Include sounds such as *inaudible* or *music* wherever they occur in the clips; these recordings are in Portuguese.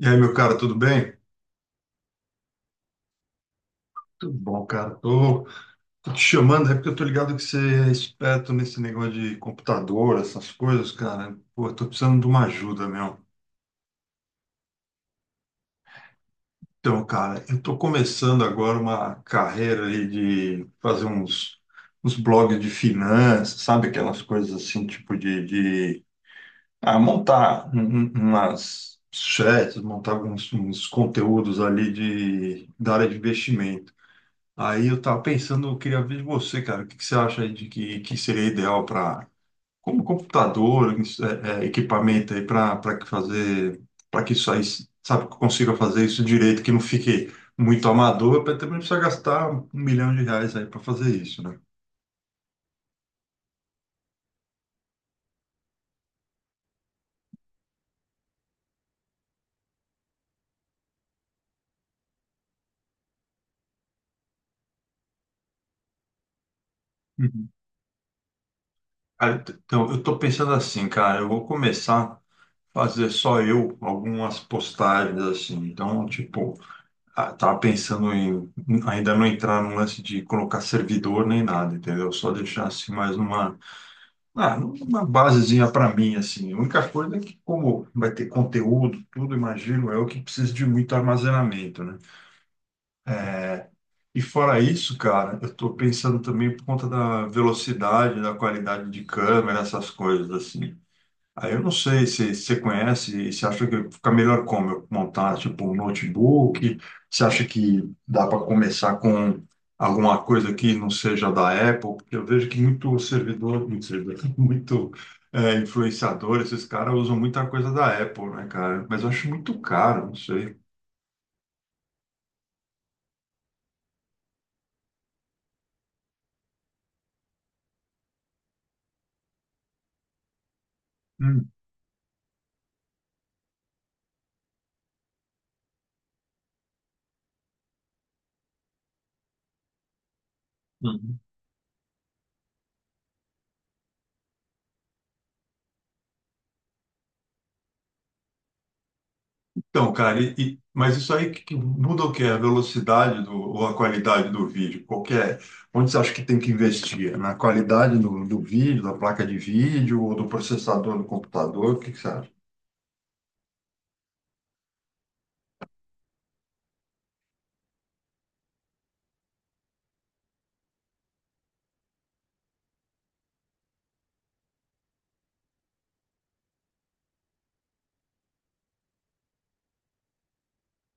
E aí, meu cara, tudo bem? Tudo bom, cara. Tô te chamando, é porque eu tô ligado que você é esperto nesse negócio de computador, essas coisas, cara. Pô, eu tô precisando de uma ajuda, meu. Então, cara, eu tô começando agora uma carreira aí de fazer uns blogs de finanças, sabe? Aquelas coisas assim, tipo de montar umas chats, montar alguns uns conteúdos ali da área de investimento. Aí eu tava pensando, eu queria ver de você, cara, o que que você acha aí de que seria ideal para, como computador, isso, equipamento aí para que fazer, para que isso aí, sabe, que eu consiga fazer isso direito, que não fique muito amador, para também não precisar gastar R$ 1.000.000 aí para fazer isso, né? Uhum. Então, eu tô pensando assim, cara, eu vou começar a fazer só eu algumas postagens assim. Então, tipo, ah, tava pensando em ainda não entrar num lance de colocar servidor nem nada, entendeu? Só deixar assim mais uma, numa basezinha para mim, assim. A única coisa é que, como vai ter conteúdo, tudo, imagino eu, que precisa de muito armazenamento, né? E fora isso, cara, eu tô pensando também por conta da velocidade, da qualidade de câmera, essas coisas, assim. Aí eu não sei se você conhece, se acha que fica melhor como eu montar tipo um notebook, se acha que dá para começar com alguma coisa que não seja da Apple, porque eu vejo que muito servidor, *laughs* muito, é, influenciador, esses caras usam muita coisa da Apple, né, cara? Mas eu acho muito caro, não sei. Hum. Então, cara, mas isso aí que muda o quê? A velocidade do, ou a qualidade do vídeo? Qualquer, onde você acha que tem que investir? Na qualidade do, do vídeo, da placa de vídeo ou do processador do computador? O que você acha?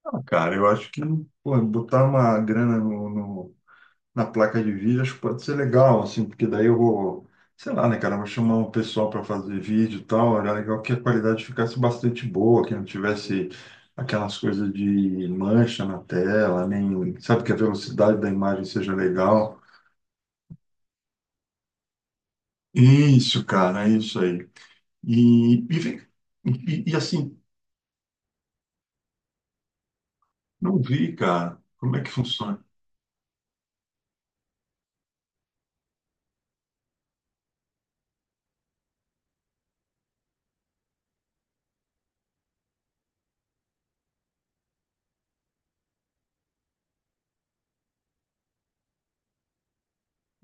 Ah, cara, eu acho que, pô, botar uma grana na placa de vídeo, acho que pode ser legal, assim, porque daí eu vou, sei lá, né, cara, eu vou chamar um pessoal para fazer vídeo e tal, era legal que a qualidade ficasse bastante boa, que não tivesse aquelas coisas de mancha na tela, nem, sabe, que a velocidade da imagem seja legal. Isso, cara, é isso aí. E, e, vem- e, e, assim, não vi, cara, como é que funciona.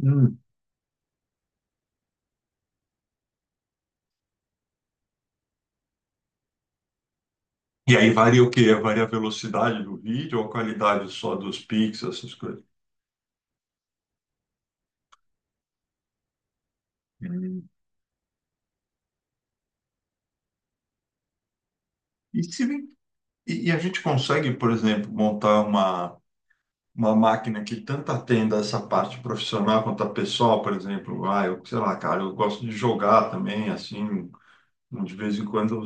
Hum. E aí varia o quê? Varia a velocidade do vídeo ou a qualidade só dos pixels, essas coisas? Hum. E se E, e a gente consegue, por exemplo, montar uma máquina que tanto atenda essa parte profissional quanto a pessoal, por exemplo. Ah, eu, sei lá, cara, eu gosto de jogar também, assim, de vez em quando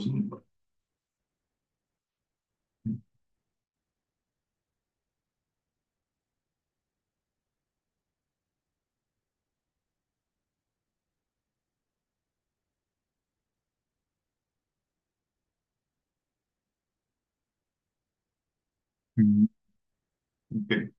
eu...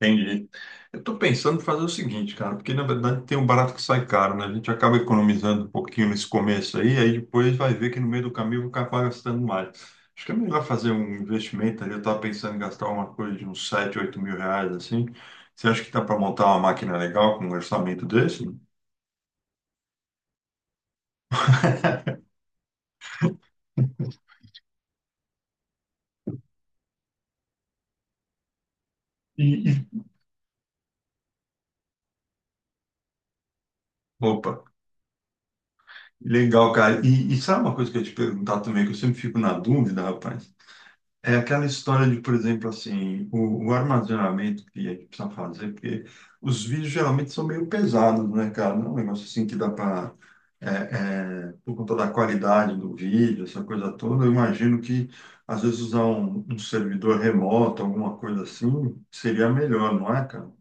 Entendi. Eu estou pensando em fazer o seguinte, cara, porque na verdade tem um barato que sai caro, né? A gente acaba economizando um pouquinho nesse começo aí, aí depois vai ver que no meio do caminho vai acabar gastando mais. Acho que é melhor fazer um investimento ali. Eu estava pensando em gastar uma coisa de uns R$ 7.000, R$ 8.000, assim. Você acha que dá para montar uma máquina legal com um orçamento desse? *laughs* E, e- Opa, legal, cara. E sabe uma coisa que eu ia te perguntar também, que eu sempre fico na dúvida, rapaz? É aquela história de, por exemplo, assim, o armazenamento que a gente precisa fazer, porque os vídeos geralmente são meio pesados, né, cara? Não é um negócio assim que dá para, por conta da qualidade do vídeo, essa coisa toda, eu imagino que às vezes usar um, um servidor remoto, alguma coisa assim, seria melhor, não é, cara?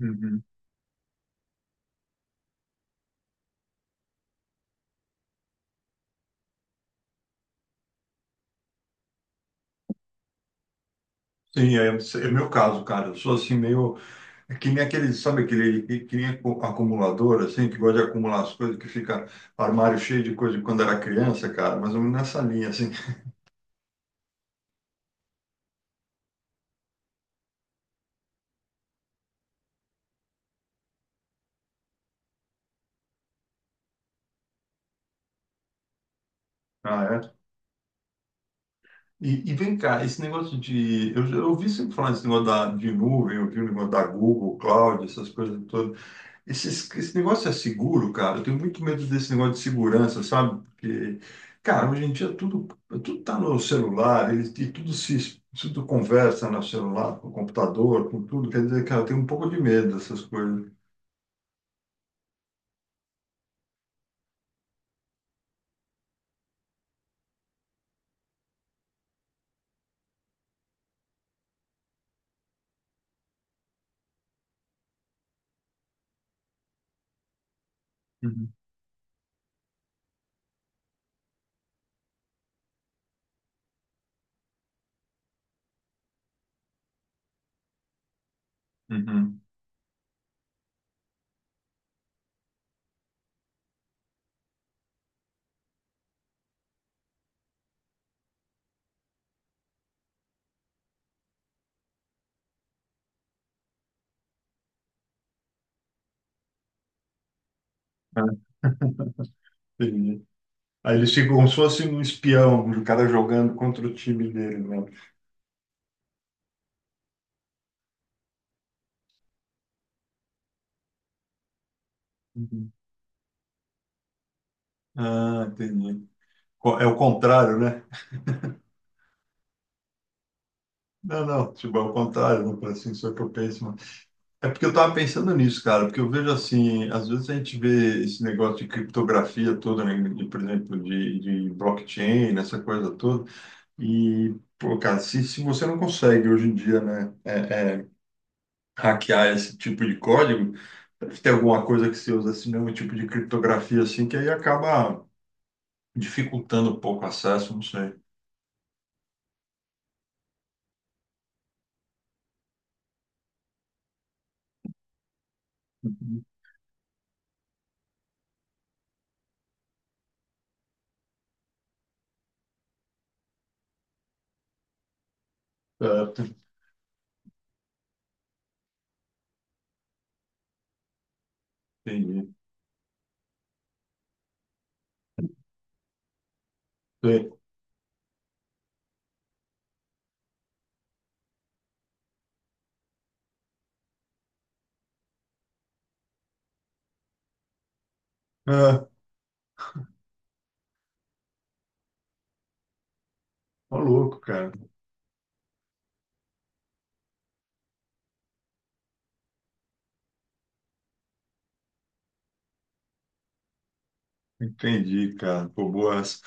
Uhum. Sim, é, é meu caso, cara. Eu sou assim meio. É que nem aquele, sabe aquele que nem acumulador, assim, que gosta de acumular as coisas, que fica armário cheio de coisa de quando era criança, cara, mais ou menos nessa linha, assim. *laughs* Ah, é? E vem cá, esse negócio de... eu ouvi sempre falar desse negócio da, de nuvem, eu ouvi o negócio da Google, Cloud, essas coisas todas. Esse negócio é seguro, cara. Eu tenho muito medo desse negócio de segurança, sabe? Porque, cara, hoje em dia tudo, tudo tá no celular, eles e tudo se tudo conversa no celular, com o computador, com tudo. Quer dizer, cara, eu tenho um pouco de medo dessas coisas. Uhum. Uhum. É, *laughs* entendi. Aí eles ficam como se fosse um espião, o cara jogando contra o time dele, né? Uhum. Ah, entendi. É o contrário, né? *laughs* Não, não, tipo, é o contrário, não, assim, só que eu penso. É porque eu tava pensando nisso, cara, porque eu vejo assim, às vezes a gente vê esse negócio de criptografia toda, né, de, por exemplo, de blockchain, essa coisa toda, e, pô, cara, se você não consegue hoje em dia, né, hackear esse tipo de código, deve ter alguma coisa que você usa esse mesmo tipo de criptografia, assim, que aí acaba dificultando um pouco o acesso, não sei. Uhum. Certo, entendi. Sei. Ah, tá louco, cara. Entendi, cara. Pô, boa essa.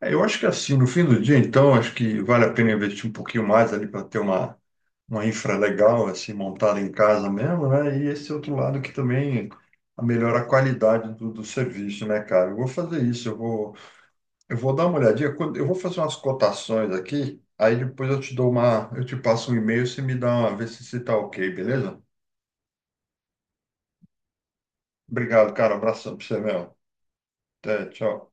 É, eu acho que assim, no fim do dia, então, acho que vale a pena investir um pouquinho mais ali para ter uma infra legal, assim, montada em casa mesmo, né? E esse outro lado que também melhora a qualidade do, do serviço, né, cara? Eu vou fazer isso, eu vou dar uma olhadinha, eu vou fazer umas cotações aqui, aí depois eu te dou uma, eu te passo um e-mail, você me dá uma, vê se, se tá ok, beleza? Obrigado, cara, abração pra você, meu. Até, tchau.